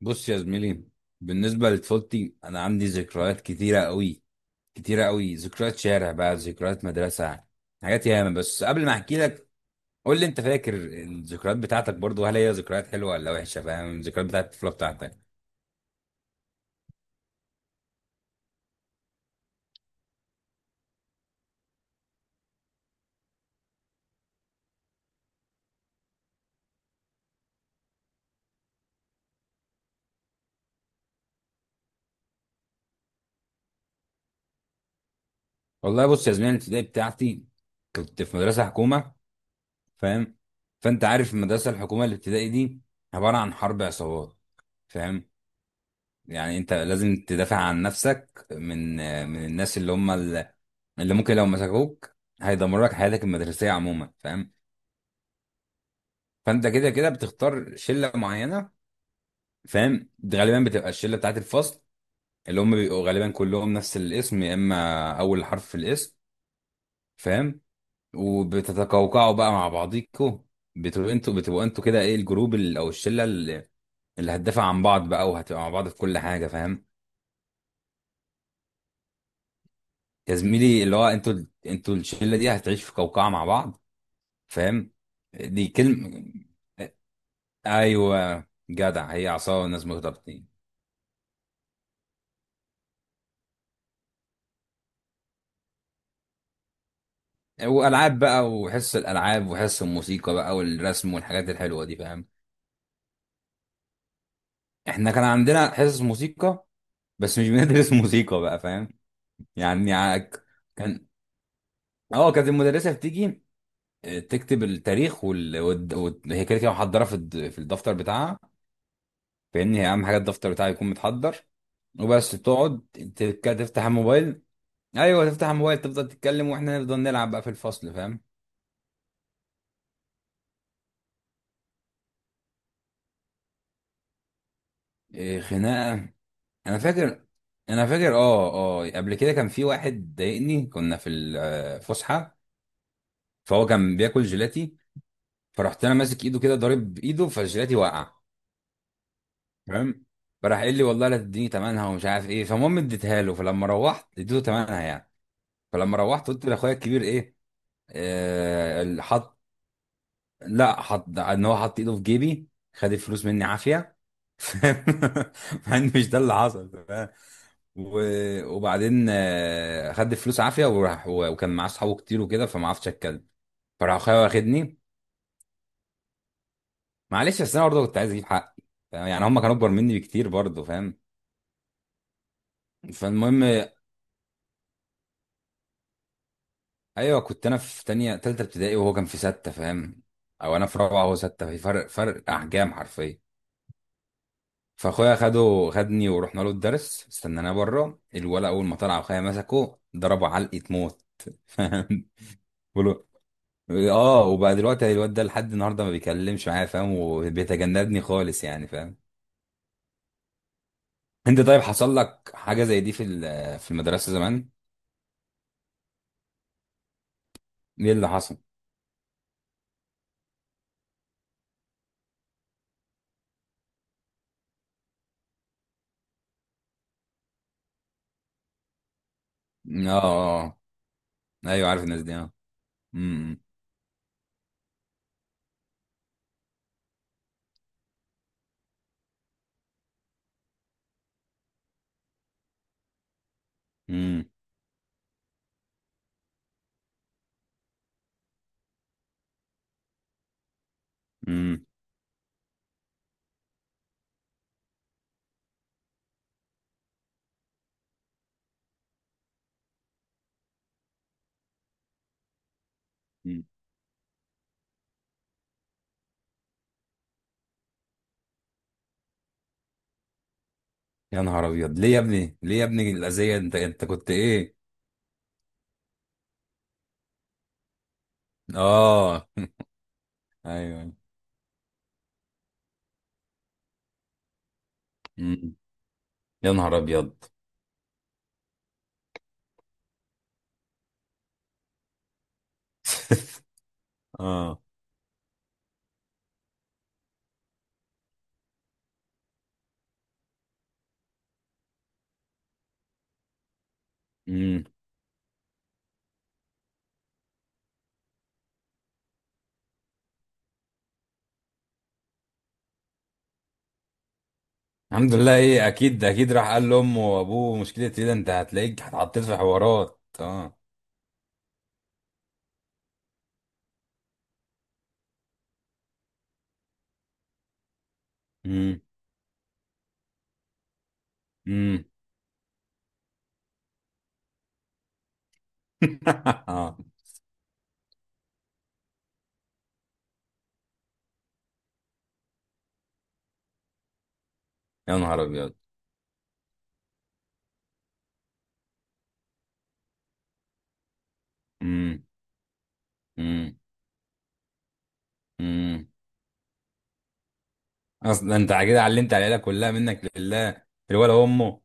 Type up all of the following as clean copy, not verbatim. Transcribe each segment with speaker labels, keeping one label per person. Speaker 1: بص يا زميلي، بالنسبة لطفولتي أنا عندي ذكريات كتيرة أوي، كتيرة أوي. ذكريات شارع بقى، ذكريات مدرسة، حاجات ياما. بس قبل ما أحكي لك، قول لي أنت فاكر الذكريات بتاعتك برضو؟ هل هي ذكريات حلوة ولا وحشة؟ فاهم؟ الذكريات بتاعت الطفولة بتاعتك. والله بص يا زميلي، الابتدائي بتاعتي كنت في مدرسة حكومة، فاهم؟ فأنت عارف المدرسة الحكومة الابتدائي دي عبارة عن حرب عصابات، فاهم؟ يعني انت لازم تدافع عن نفسك من الناس اللي ممكن لو مسكوك هيدمروا لك حياتك المدرسيه عموما، فاهم؟ فانت كده كده بتختار شله معينه، فاهم؟ دي غالبا بتبقى الشله بتاعت الفصل، اللي هم بيبقوا غالبا كلهم نفس الاسم يا اما اول حرف في الاسم، فاهم؟ وبتتقوقعوا بقى مع بعضيكوا. بتبقوا انتوا كده ايه، الجروب او الشله اللي هتدافع عن بعض بقى وهتبقى مع بعض في كل حاجه، فاهم؟ يا زميلي اللي هو انتوا، انتوا الشله دي هتعيش في قوقعه مع بعض، فاهم؟ دي كلمه. ايوه جدع، هي عصا والناس مرتبطين. والعاب بقى وحصص الالعاب وحصص الموسيقى بقى والرسم والحاجات الحلوه دي، فاهم؟ احنا كان عندنا حصص موسيقى بس مش بندرس موسيقى بقى، فاهم؟ يعني ع- كان، اه كانت المدرسه بتيجي، اه، تكتب التاريخ وال هي كده كده محضره في الدفتر بتاعها. فاهمني، هي اهم حاجه الدفتر بتاعها يكون متحضر وبس، تقعد تفتح الموبايل. ايوه تفتح الموبايل تفضل تتكلم واحنا نفضل نلعب بقى في الفصل، فاهم؟ إيه خناقه؟ انا فاكر، انا فاكر اه. اه قبل كده كان في واحد ضايقني، كنا في الفسحه، فهو كان بياكل جيلاتي، فرحت انا ماسك ايده كده ضارب بايده فالجيلاتي وقع، تمام؟ فراح قال لي والله لا تديني تمنها ومش عارف ايه، فالمهم اديتها له، فلما روحت اديته تمنها يعني. فلما روحت قلت لاخويا الكبير ايه، حط، لا حط ان هو حط ايده في جيبي، خد الفلوس مني عافيه. مع ان مش ده اللي حصل، فاهم؟ و... وبعدين خد الفلوس عافيه وراح، و... وكان معاه اصحابه كتير وكده فما عرفتش اتكلم. فراح اخويا واخدني. معلش بس انا برضه كنت عايز اجيب حقي، فاهم؟ يعني هم كانوا اكبر مني بكتير برضه، فاهم؟ فالمهم، ايوه كنت انا في تانية تالتة ابتدائي وهو كان في ستة، فاهم؟ او انا في رابعة وهو ستة، في فرق، فرق احجام حرفيا. فاخويا خدني ورحنا له الدرس، استناناه بره، الولد اول ما طلع اخويا مسكه ضربه علقه موت. فاهم؟ بقوله، اه، وبقى دلوقتي الواد ده لحد النهارده ما بيكلمش معايا، فاهم؟ وبيتجنبني خالص يعني، فاهم؟ انت طيب، حصل لك حاجه زي دي في المدرسه زمان؟ ايه اللي حصل؟ اه اه. آه. ايوه عارف الناس دي، اه. امم. امم. امم. أمم. يا نهار ابيض، ليه يا ابني؟ ليه يا ابني الاذيه؟ انت كنت ايه؟ اه. ايوه. أمم. يا نهار ابيض. اه. امم. الحمد لله ايه، اكيد اكيد راح قال لامه وابوه، مشكله ايه ده، انت هتلاقيك اتحطيت في حوارات، اه. امم. امم. اه. يا نهار ابيض. امم. امم. امم. اصلا انت كده علمت العيله كلها، منك لله الولا امه.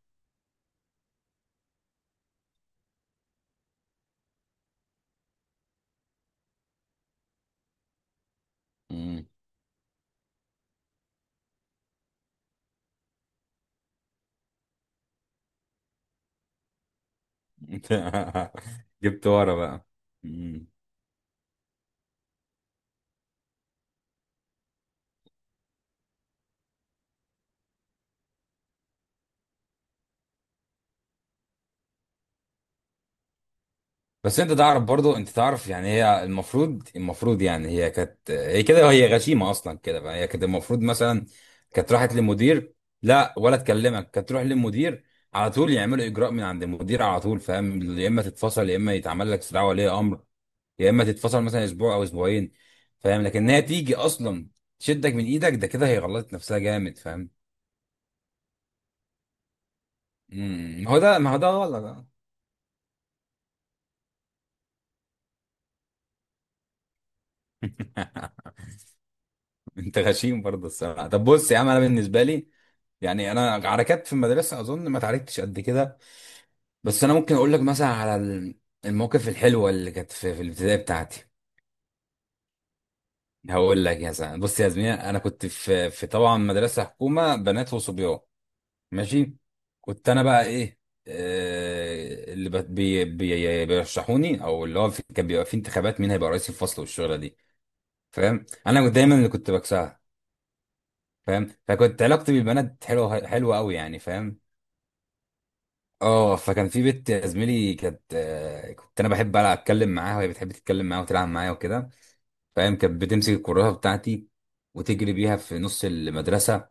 Speaker 1: امم. جبت ورا بقى. امم. بس انت تعرف برضو، انت تعرف، يعني هي المفروض، المفروض يعني هي كانت، هي كده هي غشيمه اصلا كده بقى. هي كانت المفروض مثلا كانت راحت للمدير. لا ولا تكلمك، كانت تروح للمدير على طول، يعملوا اجراء من عند المدير على طول، فاهم؟ يا اما تتفصل، يا اما يتعمل لك استدعاء ولي امر، يا اما تتفصل مثلا اسبوع او اسبوعين، فاهم؟ لكن هي تيجي اصلا تشدك من ايدك، ده كده هي غلطت نفسها جامد، فاهم؟ امم. هو ده، ما هو ده غلط. انت غشيم برضه الصراحه. طب بص يا عم، انا بالنسبه لي يعني، انا عركات في المدرسه اظن ما اتعاركتش قد كده، بس انا ممكن اقول لك مثلا على المواقف الحلوه اللي كانت في الابتدائي بتاعتي. هقول لك يا زلمه. بص يا زميلة، انا كنت في في طبعا مدرسه حكومه بنات وصبيان، ماشي؟ كنت انا بقى ايه، اللي بت- بي بي بيرشحوني، او اللي هو في كان بيبقى في انتخابات مين هيبقى رئيس الفصل والشغله دي، فاهم؟ انا كنت دايما اللي كنت بكسبها، فاهم؟ فكنت علاقتي بالبنات حلوه، حلوه قوي يعني، فاهم؟ اه. فكان في بنت يا زميلي كانت، كنت انا بحب بقى اتكلم معاها وهي بتحب تتكلم معايا وتلعب معايا وكده، فاهم؟ كانت بتمسك الكراسه بتاعتي وتجري بيها في نص المدرسه،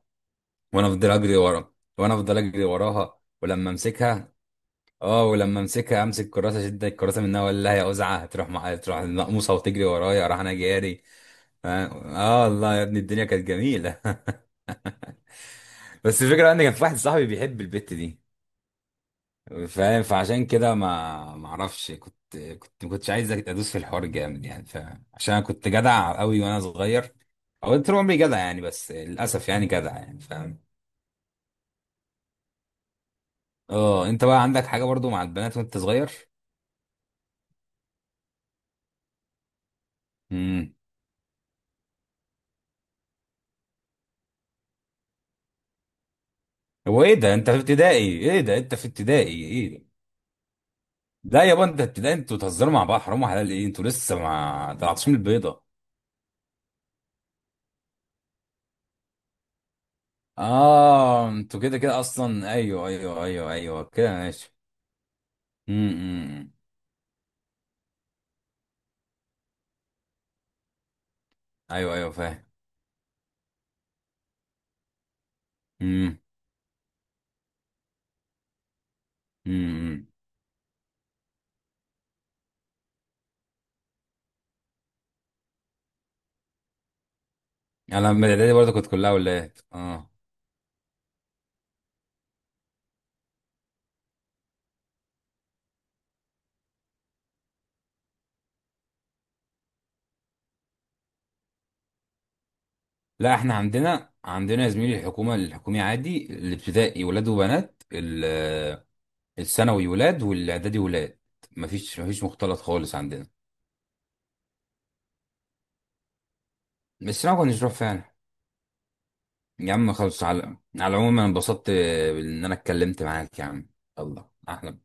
Speaker 1: وانا افضل اجري ورا، وانا افضل اجري وراها، ولما امسكها، اه، ولما امسكها امسك الكراسه اشد الكراسه منها، ولا لها يا ازعه تروح تروح المقموصه وتجري ورايا، راح انا جاري. اه. الله يا ابني الدنيا كانت جميله. بس الفكره ان كان في واحد صاحبي بيحب البت دي، فاهم؟ فعشان كده ما اعرفش، كنت ما كنتش عايز ادوس في الحوار جامد يعني، فاهم؟ عشان انا كنت جدع قوي وانا صغير، او طول عمري جدع يعني، بس للاسف يعني جدع يعني، فاهم؟ اه، انت بقى عندك حاجه برضو مع البنات وانت صغير؟ امم. هو ايه ده، انت في ابتدائي، ايه ده انت في ابتدائي، ايه ده؟ لا يابا انت ابتدائي، انتوا بتهزروا مع بعض، حرام وحلال ايه، انتوا لسه ما طلعتوش من البيضه. اه انتوا كده كده اصلا، ايوه ايوه ايوه ايوه كده، ماشي. امم. أمم، أمم. ايوه ايوه فاهم. امم. امم. انا من الاعدادي برضه كنت كلها ولاد، اه. لا احنا عندنا، عندنا يا زميلي الحكومه، الحكومي عادي الابتدائي ولاد وبنات، الثانوي ولاد والاعدادي ولاد، مفيش مختلط خالص عندنا. بس انا ما كنتش بروح فعلا. يا عم خلص على، على العموم انا انبسطت ان انا اتكلمت معاك يا عم. الله احلى.